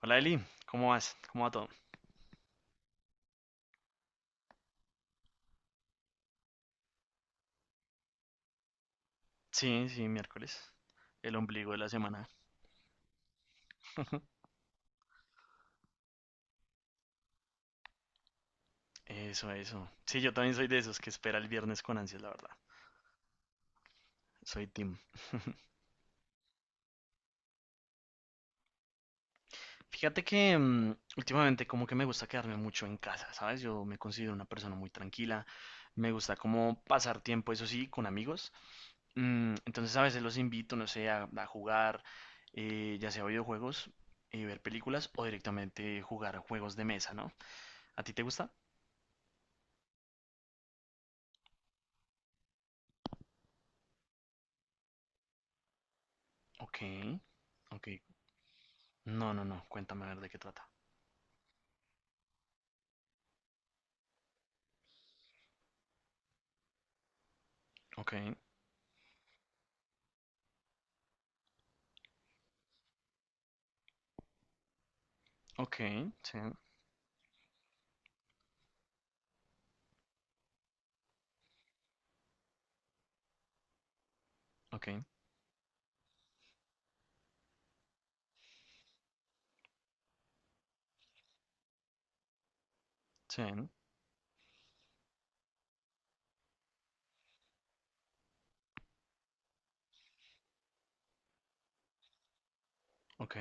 Hola Eli, ¿cómo vas? ¿Cómo va todo? Sí, sí, miércoles, el ombligo de la semana. Eso, eso. Sí, yo también soy de esos que espera el viernes con ansias, la verdad. Soy team. Fíjate que últimamente como que me gusta quedarme mucho en casa, ¿sabes? Yo me considero una persona muy tranquila. Me gusta como pasar tiempo, eso sí, con amigos. Entonces a veces los invito, no sé, a jugar, ya sea videojuegos, ver películas o directamente jugar juegos de mesa, ¿no? ¿A ti te gusta? Ok, ok. No, no, no. Cuéntame a ver de qué trata. Ok, ok, sí, ok, sí, ok,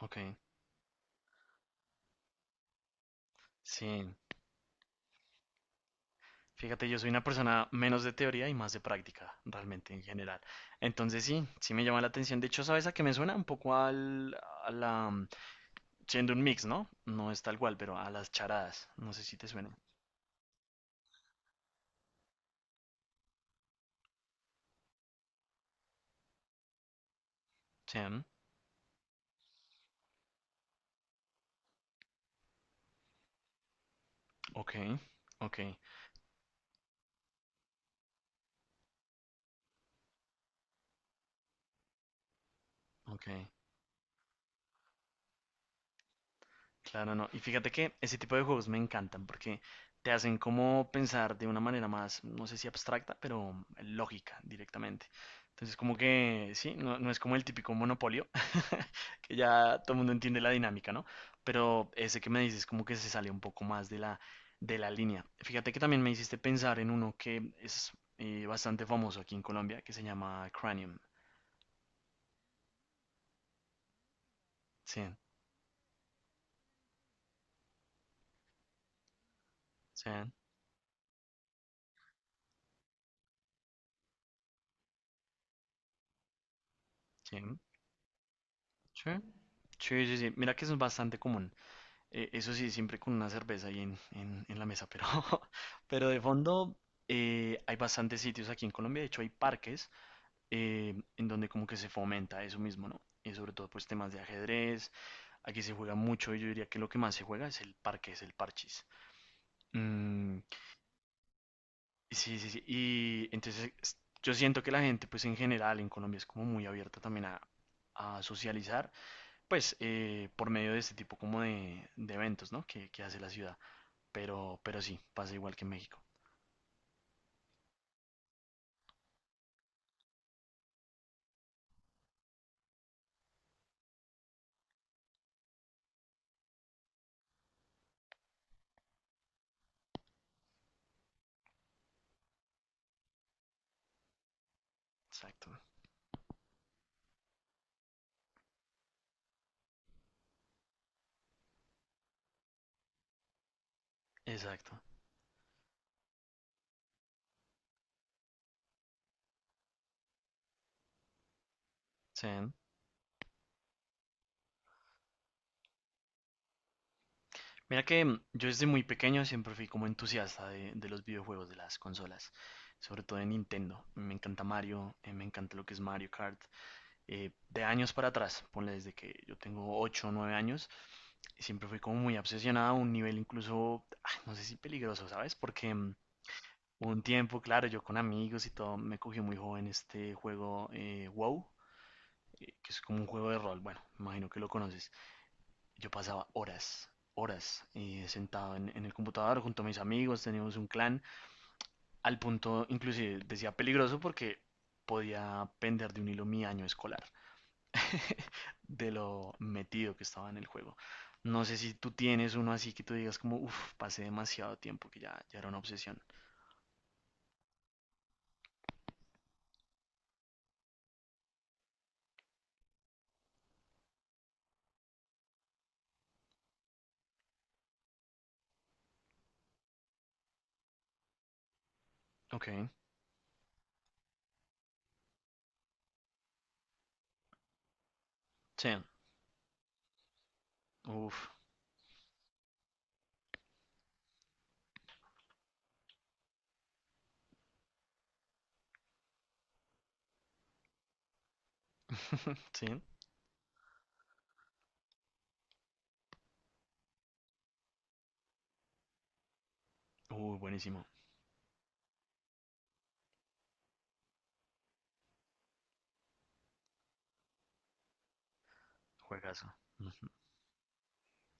ok, sí. Fíjate, yo soy una persona menos de teoría y más de práctica, realmente, en general. Entonces sí, sí me llama la atención. De hecho, ¿sabes a qué me suena? Un poco a la siendo un mix, ¿no? No es tal cual, pero a las charadas. No sé si te suena. Sí, ok, ok, ok. Claro, no. Y fíjate que ese tipo de juegos me encantan porque te hacen como pensar de una manera más, no sé si abstracta, pero lógica directamente. Entonces, como que sí, no, no es como el típico monopolio, que ya todo el mundo entiende la dinámica, ¿no? Pero ese que me dices como que se sale un poco más de la línea. Fíjate que también me hiciste pensar en uno que es bastante famoso aquí en Colombia, que se llama Cranium. Sí, sí, sí, sí, sí, sí. Mira que eso es bastante común. Eso sí, siempre con una cerveza ahí en la mesa, pero, pero de fondo hay bastantes sitios aquí en Colombia, de hecho hay parques en donde como que se fomenta eso mismo, ¿no? Y sobre todo pues temas de ajedrez, aquí se juega mucho y yo diría que lo que más se juega es el parque, es el parchís. Mm, sí, sí, sí, y entonces es- yo siento que la gente pues en general en Colombia es como muy abierta también a socializar, pues por medio de este tipo como de eventos, ¿no? Que hace la ciudad. Pero sí, pasa igual que en México. Exacto. Exacto. Sí. Mira que yo desde muy pequeño siempre fui como entusiasta de los videojuegos, de las consolas, sobre todo de Nintendo. Me encanta Mario, me encanta lo que es Mario Kart. De años para atrás, ponle desde que yo tengo 8 o 9 años, siempre fui como muy obsesionado a un nivel incluso, no sé si peligroso, ¿sabes? Porque hubo un tiempo, claro, yo con amigos y todo, me cogió muy joven este juego WoW, que es como un juego de rol, bueno, me imagino que lo conoces. Yo pasaba horas, horas sentado en el computador junto a mis amigos, teníamos un clan, al punto, inclusive decía peligroso porque podía pender de un hilo mi año escolar, de lo metido que estaba en el juego. No sé si tú tienes uno así que tú digas como, uff, pasé demasiado tiempo, que ya era una obsesión. Ok, sí, uff, sí, uy, buenísimo, juegazo. Mm.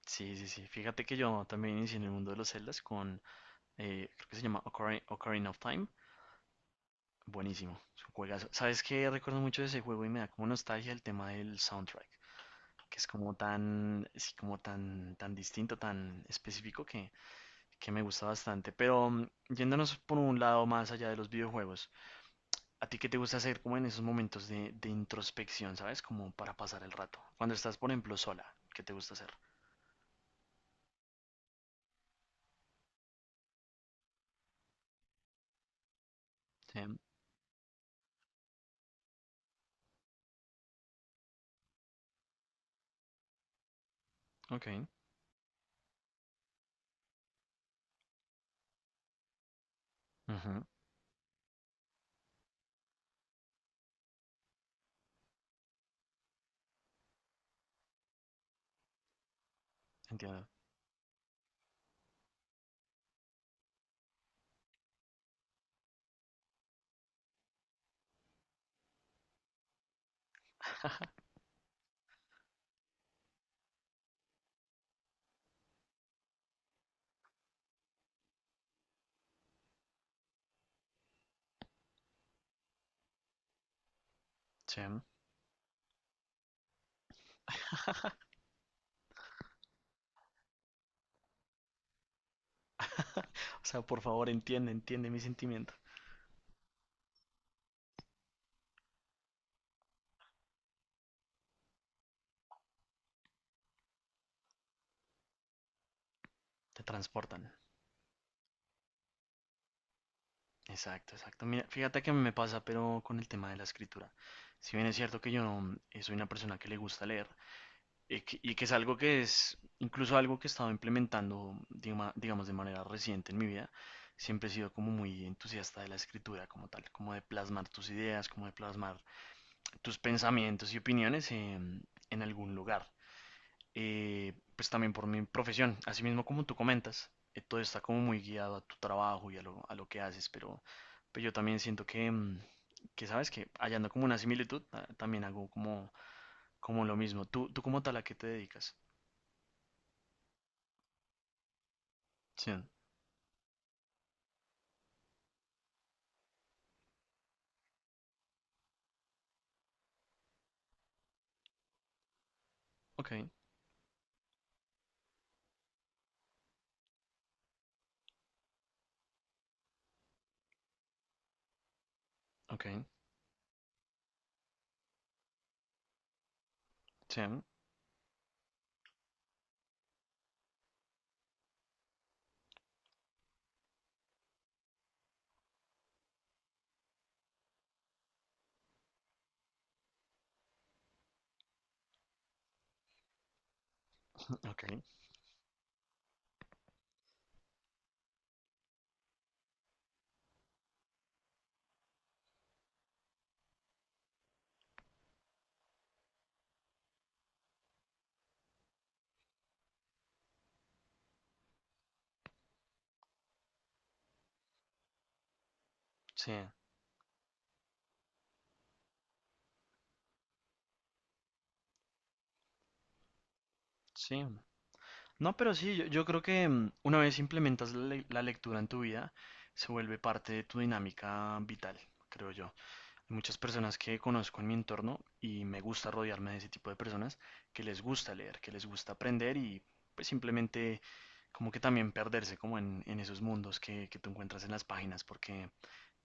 Sí, sí, sí. Fíjate que yo también inicié en el mundo de los celdas con, creo que se llama Ocarina, Ocarina of Time. Buenísimo, es un juegazo. ¿Sabes qué? Recuerdo mucho de ese juego y me da como nostalgia el tema del soundtrack, que es como tan, sí, como tan, tan distinto, tan específico que me gusta bastante. Pero yéndonos por un lado más allá de los videojuegos, ¿a ti qué te gusta hacer como en esos momentos de introspección, ¿sabes? Como para pasar el rato. Cuando estás, por ejemplo, sola, ¿qué te gusta hacer? Sí, ok, ujú, entiendo. Sí. O sea, por favor, entiende, entiende mi sentimiento. Te transportan. Exacto, exacto. Mira, fíjate que me pasa, pero con el tema de la escritura. Si bien es cierto que yo no, soy una persona que le gusta leer y que es algo que es incluso algo que he estado implementando, digamos, de manera reciente en mi vida, siempre he sido como muy entusiasta de la escritura como tal, como de plasmar tus ideas, como de plasmar tus pensamientos y opiniones en algún lugar. Pues también por mi profesión, así mismo como tú comentas, todo está como muy guiado a tu trabajo y a lo que haces, pero yo también siento que, que sabes que hallando como una similitud, también hago como, como lo mismo. ¿Tú como tal a qué te dedicas? Sí, ok, ok, sí, ok, sí, sí. No, pero sí, yo creo que una vez implementas la lectura en tu vida, se vuelve parte de tu dinámica vital, creo yo. Muchas personas que conozco en mi entorno y me gusta rodearme de ese tipo de personas que les gusta leer, que les gusta aprender y pues simplemente como que también perderse como en esos mundos que tú encuentras en las páginas porque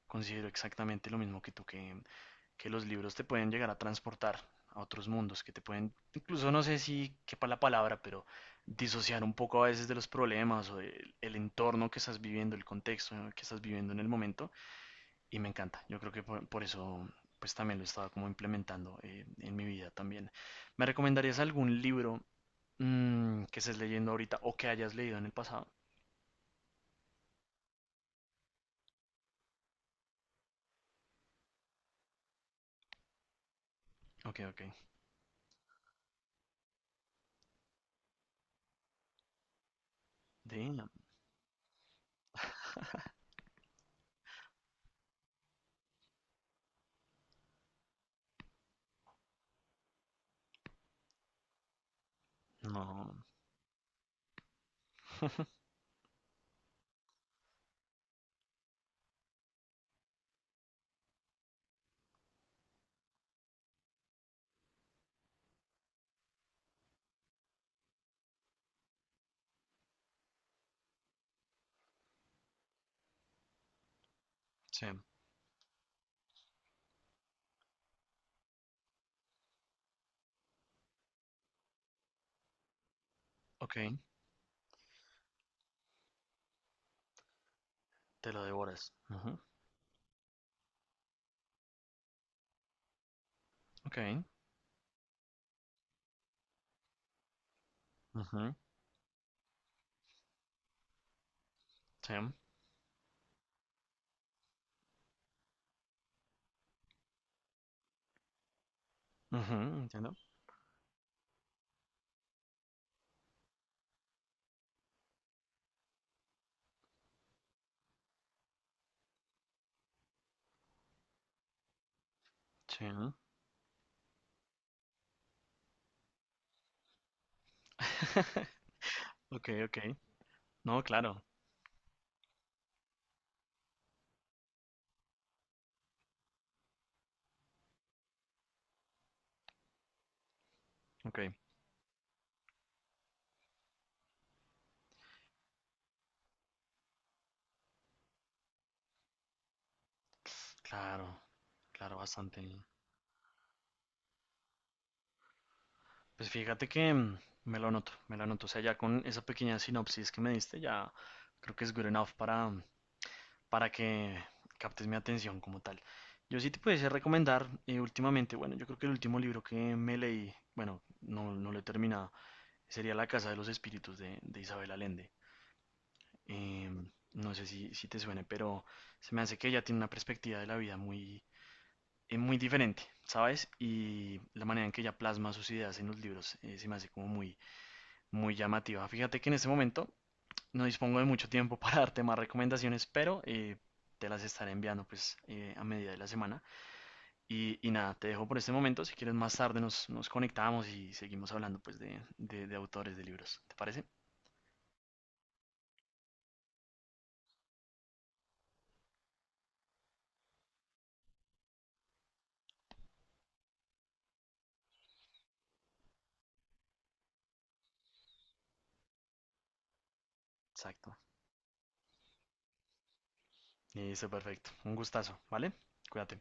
considero exactamente lo mismo que tú que los libros te pueden llegar a transportar a otros mundos, que te pueden, incluso no sé si quepa la palabra, pero disociar un poco a veces de los problemas o del el entorno que estás viviendo, el contexto que estás viviendo en el momento y me encanta. Yo creo que por eso pues también lo estaba como implementando en mi vida también. ¿Me recomendarías algún libro que estés leyendo ahorita o que hayas leído en el pasado? Ok, ok. Damn. No. Sí. Ok. Te lo devoras. Ujú. Ok. Ujú. Sí. Ujú. Entiendo. Sí. Ok, ok. No, claro. Ok. Claro, claro, bastante. Pues fíjate que me lo anoto, me lo anoto. O sea, ya con esa pequeña sinopsis que me diste, ya creo que es good enough para, para que captes mi atención como tal. Yo sí te pudiese recomendar últimamente, bueno, yo creo que el último libro que me leí, bueno, no, no lo he terminado, sería La Casa de los Espíritus de Isabel Allende. Em, no sé si te suene, pero se me hace que ella tiene una perspectiva de la vida muy, muy diferente, ¿sabes? Y la manera en que ella plasma sus ideas en los libros, se me hace como muy llamativa. Fíjate que en este momento no dispongo de mucho tiempo para darte más recomendaciones, pero te las estaré enviando pues a medida de la semana. Y nada, te dejo por este momento. Si quieres más tarde nos conectamos y seguimos hablando pues de autores de libros. ¿Te parece? Exacto. Listo, perfecto. Un gustazo, ¿vale? Cuídate.